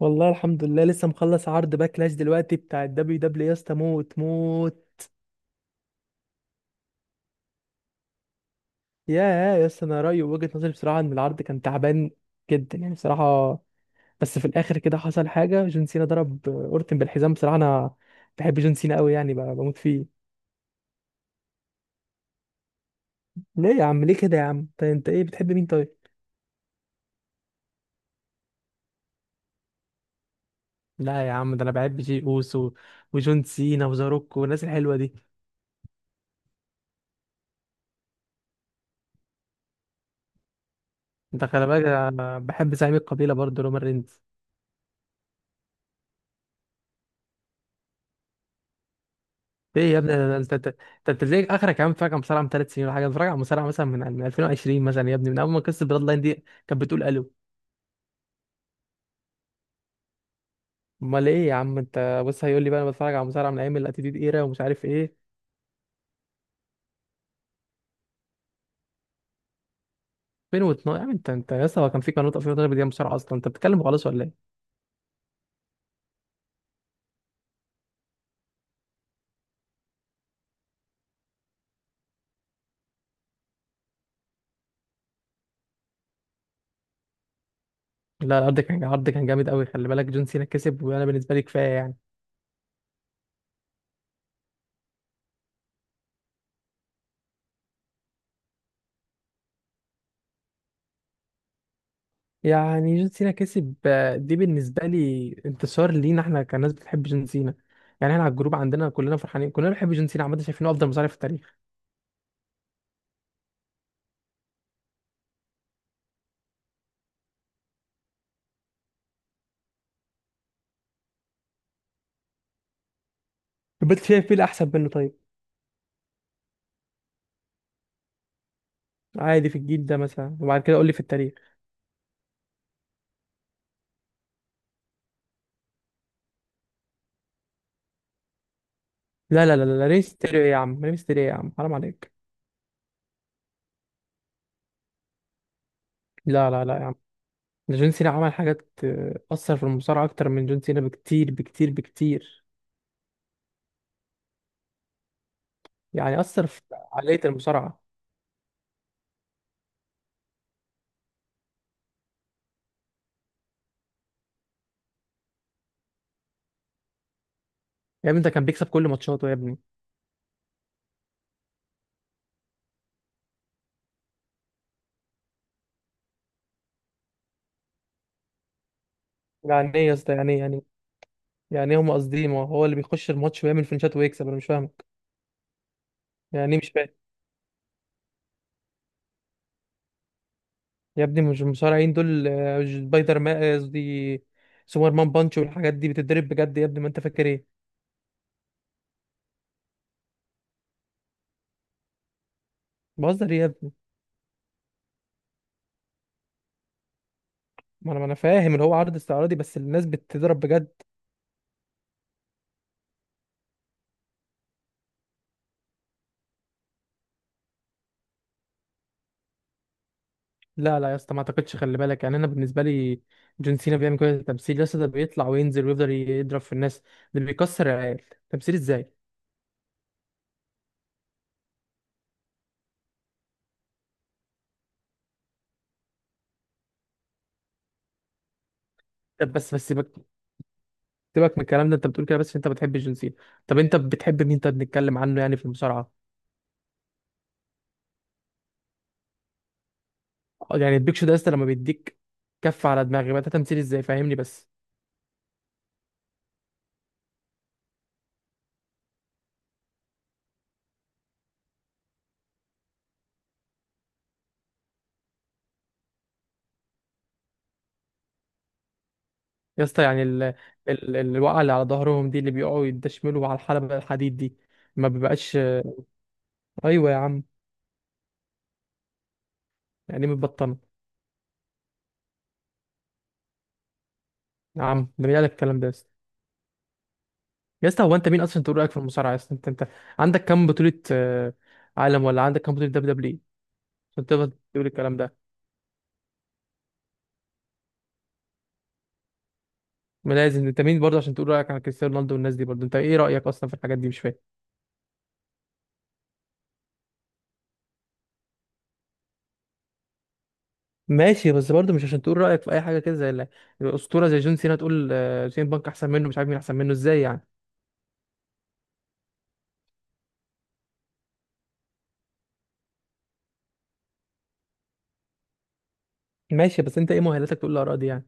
والله الحمد لله، لسه مخلص عرض باكلاش دلوقتي بتاع الدبليو دبليو يا اسطى، موت موت. يا اسطى، انا رايي وجهة نظري بصراحه ان العرض كان تعبان جدا يعني بصراحه. بس في الاخر كده حصل حاجه، جون سينا ضرب اورتن بالحزام. بصراحه انا بحب جون سينا قوي، يعني بموت فيه. ليه يا عم؟ ليه كده يا عم؟ طيب انت ايه بتحب مين طيب؟ لا يا عم، ده انا بحب جي اوسو وجون سينا وزاروك والناس الحلوه دي. انت خلي بالك، أنا بحب زعيم القبيله برضه رومان رينز. ايه يا ابني؟ انا انت انت أنت بتلاقيك اخرك يا عم، فاكر مصارعه من ثلاث سنين ولا حاجه؟ بتفرج على مصارعه مثلا من 2020 مثلا يا ابني، من اول ما قصه بلاد لاين دي كانت بتقول الو. امال ايه يا عم؟ انت بص، هيقول لي بقى انا بتفرج على مصارعه من ايام الاتيتيود ايرا ومش عارف ايه. 2012 يا عم؟ انت يا اسطى، هو كان في قناه 2012 بدي مصارعه اصلا؟ انت بتتكلم خالص ولا ايه؟ لا، العرض كان جامد قوي، خلي بالك. جون سينا كسب، وانا بالنسبه لي كفايه يعني. يعني جون سينا كسب، دي بالنسبه لي انتصار لينا احنا كناس بتحب جون سينا. يعني احنا على الجروب عندنا كلنا فرحانين، كلنا بنحب جون سينا عامه، شايفينه افضل مصارع في التاريخ. بس شايف مين احسن منه طيب؟ عادي في الجيل ده مثلا، وبعد كده قول لي في التاريخ. لا لا لا لا لا، ريم ستيريو ايه يا عم؟ ريم ستيريو ايه يا عم؟ حرام عليك. لا لا لا يا عم، ده جون سينا عمل حاجات، اثر في المصارعه اكتر من جون سينا بكتير بكتير بكتير. يعني اثر في عقليه المصارعه. يا ابني ده كان بيكسب كل ماتشاته يا ابني. يعني ايه يا اسطى؟ يعني إيه؟ يعني إيه هم قاصدين؟ ما هو اللي بيخش الماتش ويعمل فينشات ويكسب، انا مش فاهمك. يعني إيه؟ مش فاهم. يا ابني مش المصارعين دول سبايدر مان، قصدي سوبر مان بانش والحاجات دي، بتتدرب بجد يا ابني، ما انت فاكر ايه؟ بهزر يا ابني؟ ما انا فاهم اللي هو عرض استعراضي، بس الناس بتضرب بجد. لا لا يا اسطى، ما اعتقدش. خلي بالك يعني، انا بالنسبه لي جون سينا بيعمل كل التمثيل يا اسطى؟ ده بيطلع وينزل ويفضل يضرب في الناس، ده بيكسر العيال. تمثيل ازاي؟ طب بس سيبك، سيبك من الكلام ده. انت بتقول كده بس عشان انت بتحب جون سينا. طب انت بتحب مين طب، نتكلم عنه يعني في المصارعه. يعني البيك شو ده يا اسطى، لما بيديك كف على دماغي بقى ده تمثيل ازاي؟ فاهمني بس. يا اسطى يعني الوقعه اللي على ظهرهم دي اللي بيقعوا يدشملوا على الحلبه الحديد دي، ما بيبقاش؟ ايوه يا عم. يعني متبطنه؟ يا عم ده مين قالك الكلام ده يا اسطى؟ يا اسطى هو انت مين اصلا تقول رايك في المصارعه يا اسطى؟ انت عندك كام بطوله عالم؟ ولا عندك كام بطوله دبليو دبليو عشان تقدر تقول الكلام ده؟ ما لازم، انت مين برضه عشان تقول رايك عن كريستيانو رونالدو والناس دي برضه؟ انت ايه رايك اصلا في الحاجات دي؟ مش فاهم. ماشي، بس برضه مش عشان تقول رايك في اي حاجه كده، زي الاسطوره زي جون سينا تقول سين بانك احسن منه، مش عارف مين احسن منه، ازاي يعني؟ ماشي، بس انت ايه مؤهلاتك تقول الاراء دي يعني؟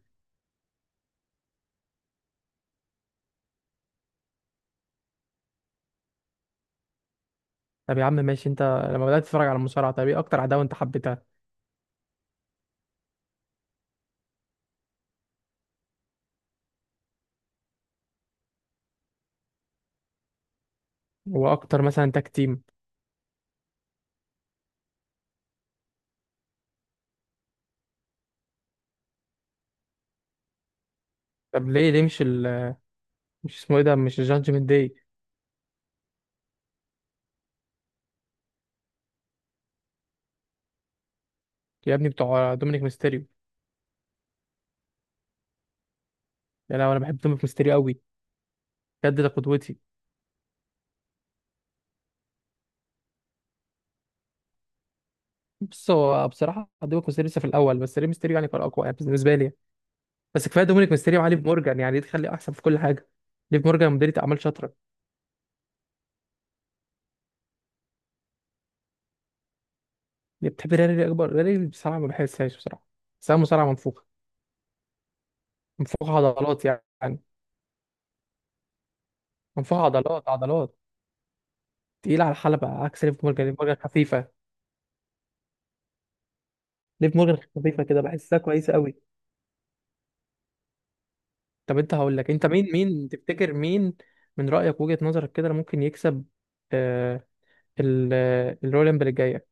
طب يا عم ماشي، انت لما بدات تتفرج على المصارعه، طب ايه اكتر عداوه انت حبيتها؟ واكتر مثلا تاك تيم؟ طب ليه ليه مش مش اسمه ايه ده، مش الجادجمنت داي؟ يا ابني بتوع دومينيك ميستيريو. يعني أنا بحب دومينيك ميستيريو قوي، بجد ده قدوتي. بص هو بصراحه دومينيك ميستيريو لسه في الاول، بس ري ميستيريو يعني كان اقوى يعني بالنسبه لي. بس كفايه دومينيك ميستيريو وعلي مورجان، يعني دي تخلي احسن في كل حاجه. ليف مورجان مديرة اعمال شاطره. اللي بتحب ريالي، اكبر ريالي بصراحه ما بحسهاش بصراحه، بحسها مصارعه منفوخه. منفوخه عضلات يعني. منفوخه عضلات عضلات، تقيله على الحلبه. عكس ليف مورجان، ليف مورجان خفيفه. ليف مورجان خفيفه كده، بحسها كويسه قوي. طب انت هقول لك، انت مين تفتكر مين من رأيك وجهة نظرك كده اللي ممكن يكسب آه الرولمبل الجاية؟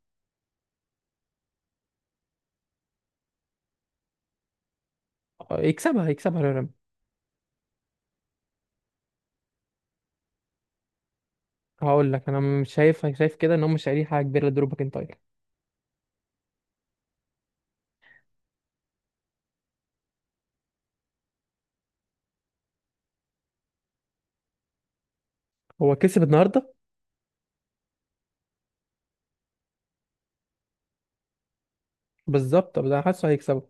يكسبها، يكسبها الرولمبل. هقول لك انا مش شايف كده ان هم مش شايلين حاجة كبيرة لدرو ماكنتاير. هو كسب النهارده. بالظبط، ده انا حاسه هيكسبه.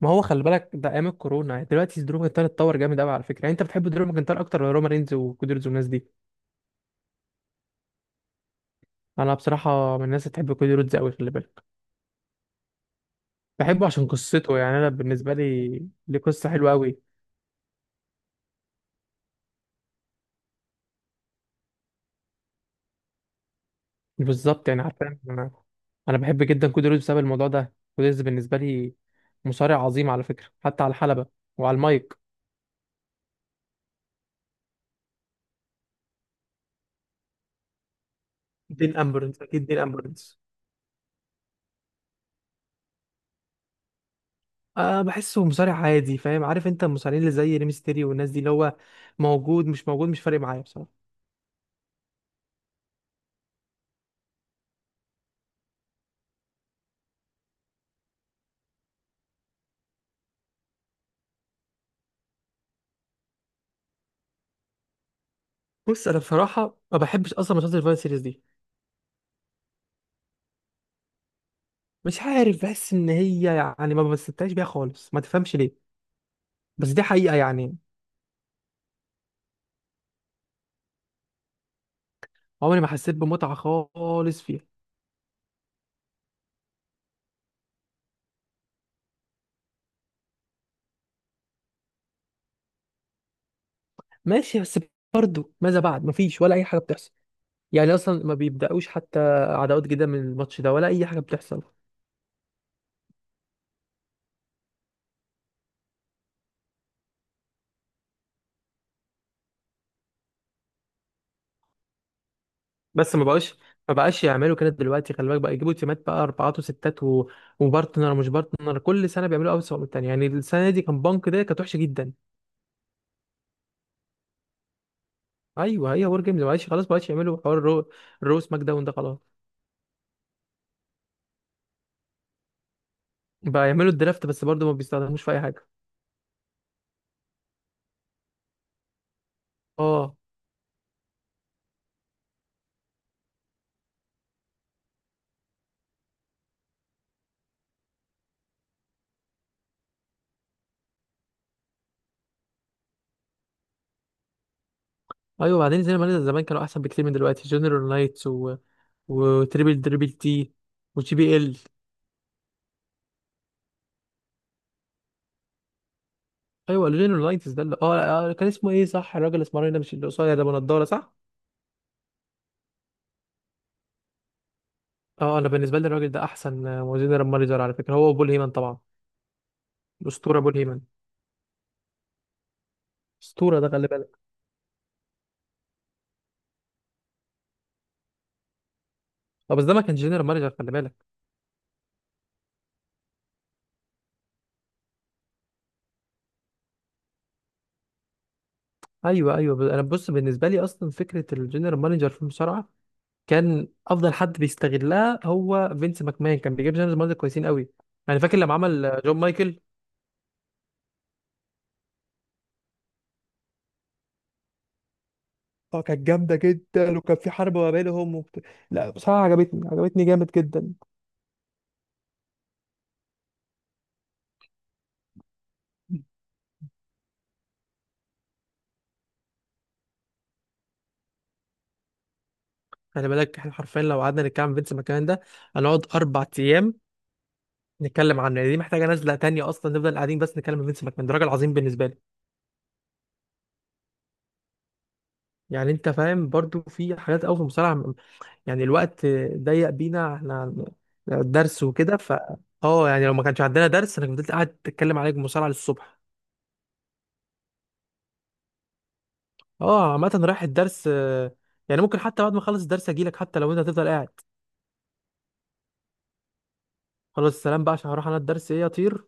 ما هو خلي بالك ده ايام الكورونا، يعني دلوقتي درو ماكنتاير اتطور جامد قوي على فكرة. يعني انت بتحب درو ماكنتاير اكتر ولا رومان رينز وكودي والناس دي؟ انا بصراحة من الناس اللي بتحب كودي رودز قوي، خلي بالك. بحبه عشان قصته، يعني انا بالنسبة لي ليه قصة حلوة قوي. بالظبط يعني، عارفة انا، انا بحب جدا كود ريز بسبب الموضوع ده. كود ريز بالنسبه لي مصارع عظيم على فكره، حتى على الحلبه وعلى المايك. دين امبرنس، اكيد دين امبرنس. أه، بحسه مصارع عادي فاهم؟ عارف انت، المصارعين اللي زي ريمستيريو والناس دي، اللي هو موجود مش موجود مش فارق معايا بصراحه. بص انا بصراحه ما بحبش اصلا ماتشات الفايت سيريز دي. مش عارف، بحس ان هي يعني ما بستمتعش بيها خالص، ما تفهمش ليه، بس دي حقيقه يعني. عمري ما حسيت بمتعه خالص فيها. ماشي بس برضه ماذا بعد؟ مفيش ولا اي حاجه بتحصل. يعني اصلا ما بيبداوش حتى عداوات جديده من الماتش ده ولا اي حاجه بتحصل. بس ما بقاش، ما بقاش يعملوا كده دلوقتي، خلي بالك بقى. يجيبوا تيمات بقى اربعات وستات وبارتنر ومش بارتنر، كل سنه بيعملوا اوسع من التانيه. يعني السنه دي كان بانك ده كانت وحشه جدا. ايوه هي وور جيمز، ما بقاش خلاص. ما بقاش يعملوا حوار الرو، الرو سماك داون ده خلاص. بقى يعملوا الدرافت، بس برضه ما بيستخدموش في اي حاجه. اه ايوه، بعدين زي ما قلنا زمان كانوا احسن بكتير من دلوقتي. جنرال نايتس وتريبل دريبل تي، وجي بي ال. ايوه الجينيرولايتس ده اللي كان اسمه ايه؟ صح، الراجل الاسمراني ده، مش اللي قصير ده بنضاره؟ صح. اه انا بالنسبه لي الراجل ده احسن جنرال مانجر على فكره، هو بول هيمن طبعا. الاسطوره بول هيمن، اسطوره ده خلي بالك. اه بس ده ما كانش جنرال مانجر، خلي بالك. ايوه ايوه انا بص بالنسبه لي اصلا فكره الجنرال مانجر في المصارعه، كان افضل حد بيستغلها هو فينس ماكمان. كان بيجيب جنرال مانجر كويسين قوي. يعني فاكر لما عمل جون مايكل. اه كانت جامده جدا، وكان في حرب ما بينهم لا بصراحه عجبتني، عجبتني جامد جدا. خلي بالك احنا حرفيا لو قعدنا نتكلم عن فينس ماكمان ده هنقعد اربع ايام نتكلم عنه. يعني دي محتاجه نزله تانية اصلا، نفضل قاعدين بس نتكلم عن فينس ماكمان. ده راجل عظيم بالنسبه لي. يعني انت فاهم برضو في حاجات قوي في المصارعه يعني الوقت ضيق بينا احنا، درس وكده ف اه. يعني لو ما كانش عندنا درس انا فضلت قاعد اتكلم عليك مصارعه للصبح. اه عامه رايح الدرس يعني ممكن حتى بعد ما اخلص الدرس اجي لك حتى لو انت هتفضل قاعد. خلاص السلام بقى، عشان هروح انا الدرس. ايه اطير.